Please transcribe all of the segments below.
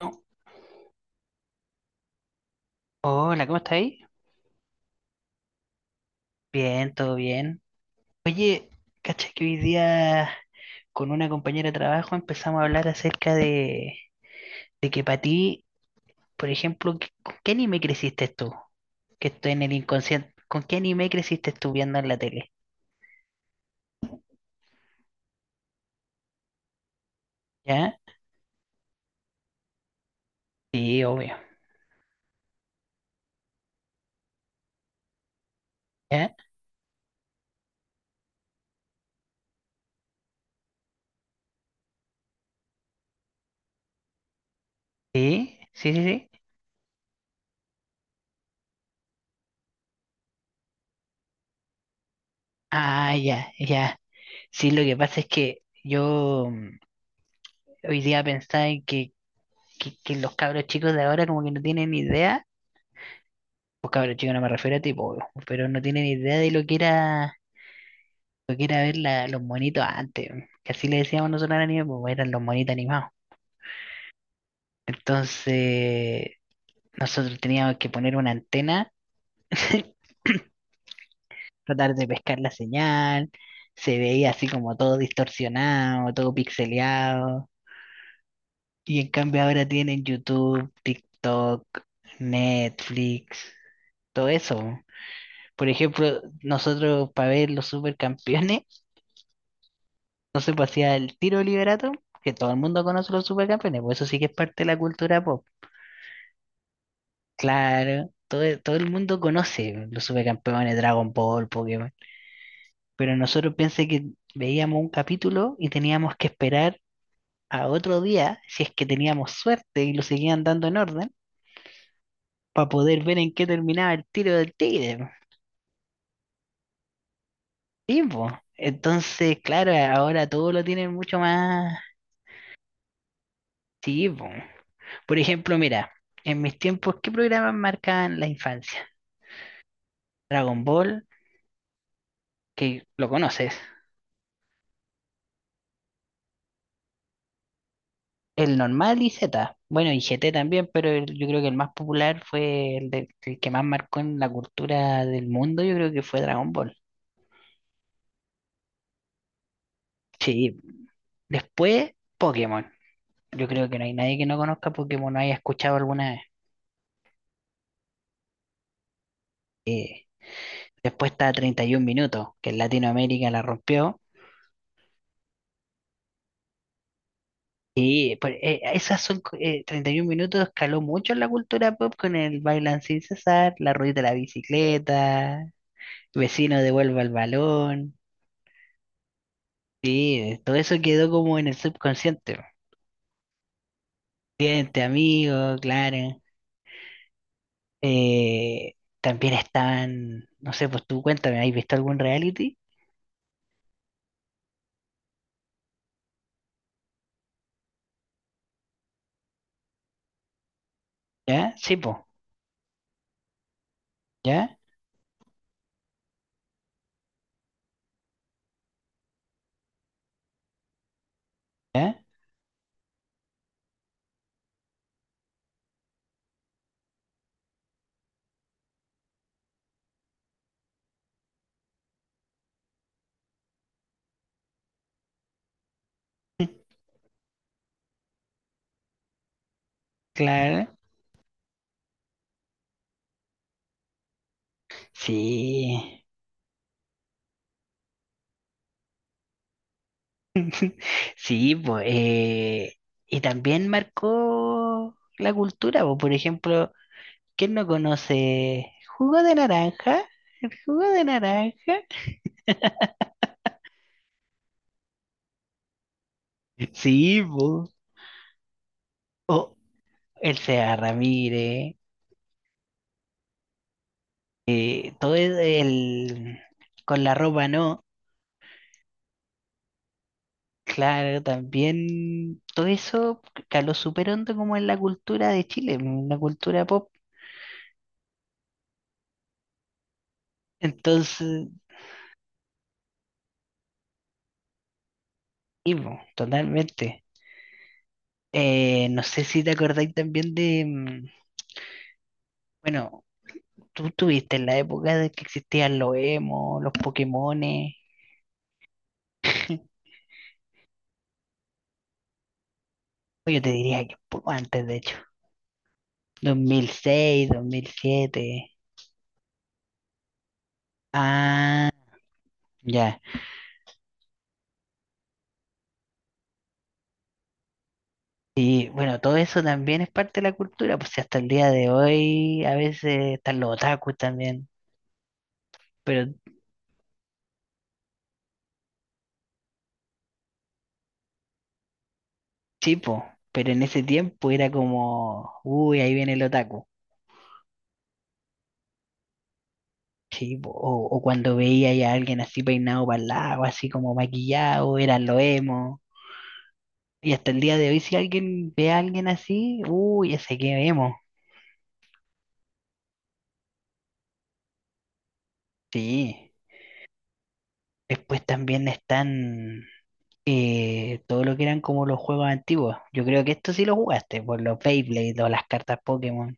Oh, hola, ¿cómo estáis? Bien, todo bien. Oye, cacha que hoy día con una compañera de trabajo empezamos a hablar acerca de que para ti, por ejemplo, ¿con qué anime creciste tú? Que estoy en el inconsciente. ¿Con qué anime creciste tú viendo en la tele? ¿Ya? Sí, obvio. ¿Ya? Sí, sí, sí, sí. Ah, ya, ya. Sí, lo que pasa es que yo, hoy día pensaba en que los cabros chicos de ahora como que no tienen ni idea. Pues cabros chicos, no me refiero a ti, po, weón, pero no tienen idea de lo que era ver los monitos antes, weón, que así le decíamos nosotros al anime, pues eran los monitos animados. Entonces, nosotros teníamos que poner una antena, tratar de pescar la señal, se veía así como todo distorsionado, todo pixeleado. Y en cambio ahora tienen YouTube, TikTok, Netflix, todo eso. Por ejemplo, nosotros para ver los supercampeones, entonces, pues hacía el tiro liberato, que todo el mundo conoce los supercampeones, pues eso sí que es parte de la cultura pop. Claro, todo, todo el mundo conoce los supercampeones, Dragon Ball, Pokémon. Pero nosotros pensé que veíamos un capítulo y teníamos que esperar a otro día, si es que teníamos suerte y lo seguían dando en orden, para poder ver en qué terminaba el tiro del tigre. Po. Sí, po. Entonces, claro, ahora todo lo tienen mucho más. Sí, po. Por ejemplo, mira, en mis tiempos, ¿qué programas marcaban la infancia? Dragon Ball, que lo conoces. El normal y Z. Bueno, y GT también, pero yo creo que el más popular fue el que más marcó en la cultura del mundo, yo creo que fue Dragon Ball. Sí, después Pokémon. Yo creo que no hay nadie que no conozca Pokémon, no haya escuchado alguna vez. Eh, después está 31 minutos, que en Latinoamérica la rompió. Y pues, 31 minutos, escaló mucho en la cultura pop con el Bailan sin cesar, la rueda de la bicicleta, vecino devuelva el balón. Sí, todo eso quedó como en el subconsciente, po. Cliente, amigo, claro. Eh, también estaban, no sé, pues tú cuéntame, ¿has visto algún reality? ¿Ya? Sí, pues. ¿Ya? ¿Ya? Claro. Sí. Sí, pues, y también marcó la cultura, pues. Por ejemplo, ¿quién no conoce jugo de naranja? ¿El jugo de naranja? Sí, pues. O el Seba Ramírez, todo con la ropa, ¿no? Claro, también todo eso caló súper hondo como en la cultura de Chile, en la cultura pop. Entonces, sí, po, totalmente. No sé si te acordáis también de bueno, tú tuviste en la época de que existían los emo, los Pokémones. Yo te diría que un poco antes, de hecho. Dos mil seis, 2007. Ah, ya. Y bueno, todo eso también es parte de la cultura, pues si hasta el día de hoy a veces están los otakus también, pero chipo, pero en ese tiempo era como, uy, ahí viene el otaku, chipo, o cuando veía ya a alguien así peinado para el lado, así como maquillado, eran los emo, y hasta el día de hoy si alguien ve a alguien así, uy, ese que emo. Sí, después también están... todo lo que eran como los juegos antiguos. Yo creo que esto sí lo jugaste, por los Beyblade o las cartas Pokémon.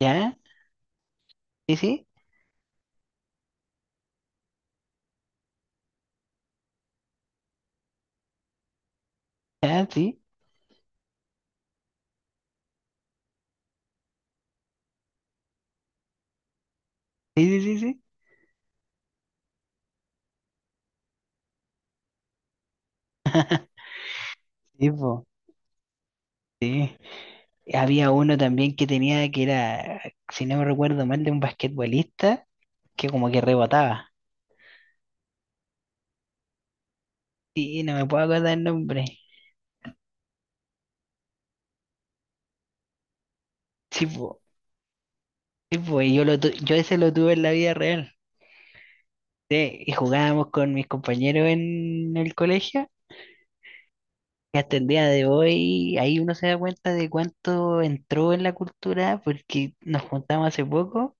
¿Ya? Sí, sí, ya, sí, sí, sí, sí, sí. Sí, po, sí. Había uno también que tenía que era, si no me recuerdo mal, de un basquetbolista que como que rebotaba. Sí, no me puedo acordar el nombre. Sí, po, sí, po, y yo ese lo tuve en la vida real. Sí, y jugábamos con mis compañeros en el colegio, que hasta el día de hoy ahí uno se da cuenta de cuánto entró en la cultura porque nos juntamos hace poco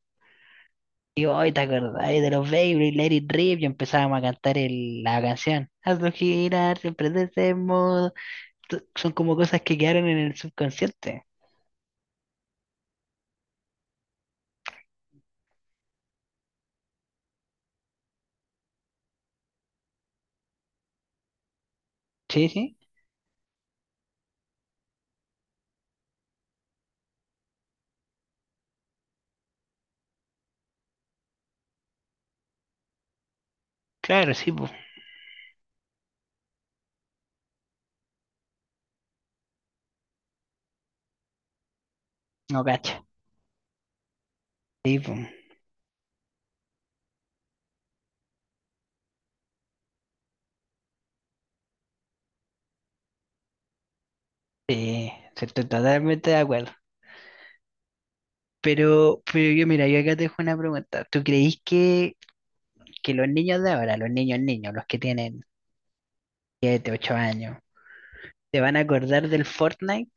y hoy te acordás de los Baby, Let It Rip y empezábamos a cantar la canción. Hazlo girar, siempre de ese modo. Son como cosas que quedaron en el subconsciente. Sí, sí, claro, sí, pues, no cacho. Sí, pues, sí, sí, estoy totalmente de acuerdo. Pero yo, mira, yo acá te dejo una pregunta. ¿Tú creís que los niños de ahora, los niños niños, los que tienen 7 u 8 años, te van a acordar del Fortnite,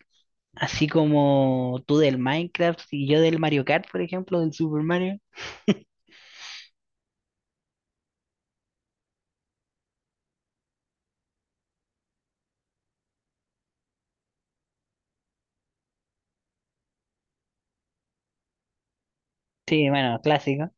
así como tú del Minecraft y yo del Mario Kart, por ejemplo, del Super Mario? Sí, bueno, clásico.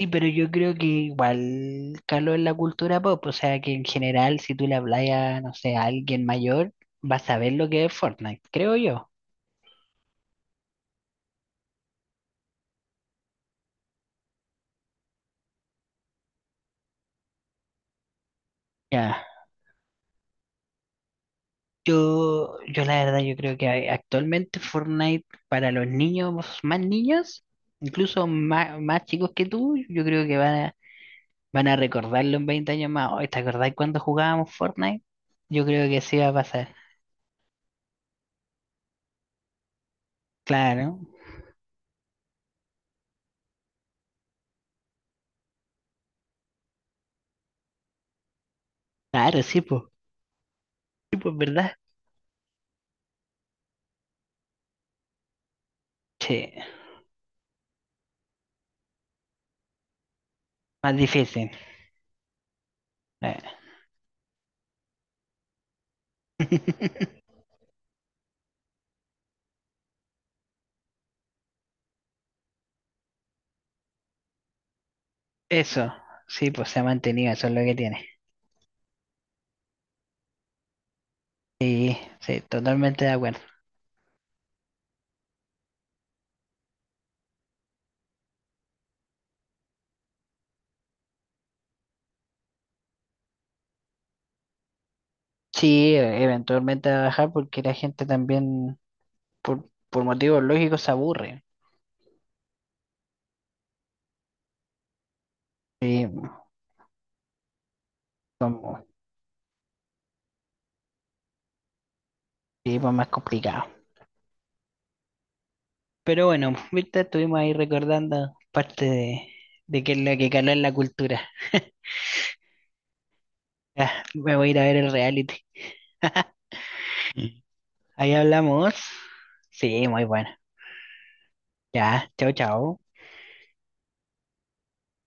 Sí, pero yo creo que igual caló en la cultura pop, o sea que en general si tú le hablas a, no sé, a alguien mayor, va a saber lo que es Fortnite, creo yo. Ya. Yo la verdad, yo creo que actualmente Fortnite para los niños más niños, incluso más chicos que tú, yo creo que van a recordarlo en 20 años más. Oye, ¿te acordás cuando jugábamos Fortnite? Yo creo que sí va a pasar. Claro, claro, sí, pues. Sí, pues, ¿verdad? Sí, más difícil. Eh. Eso, sí, pues se ha mantenido, eso es lo que tiene. Sí, sí, totalmente de acuerdo. Sí, eventualmente va a bajar porque la gente también, por motivos lógicos, se aburre. Sí, como, sí, pues más complicado. Pero bueno, Víctor, estuvimos ahí recordando parte de qué es lo que caló en la cultura. Ya, me voy a ir a ver el reality. Ahí hablamos. Sí, muy bueno. Ya, chao, chao.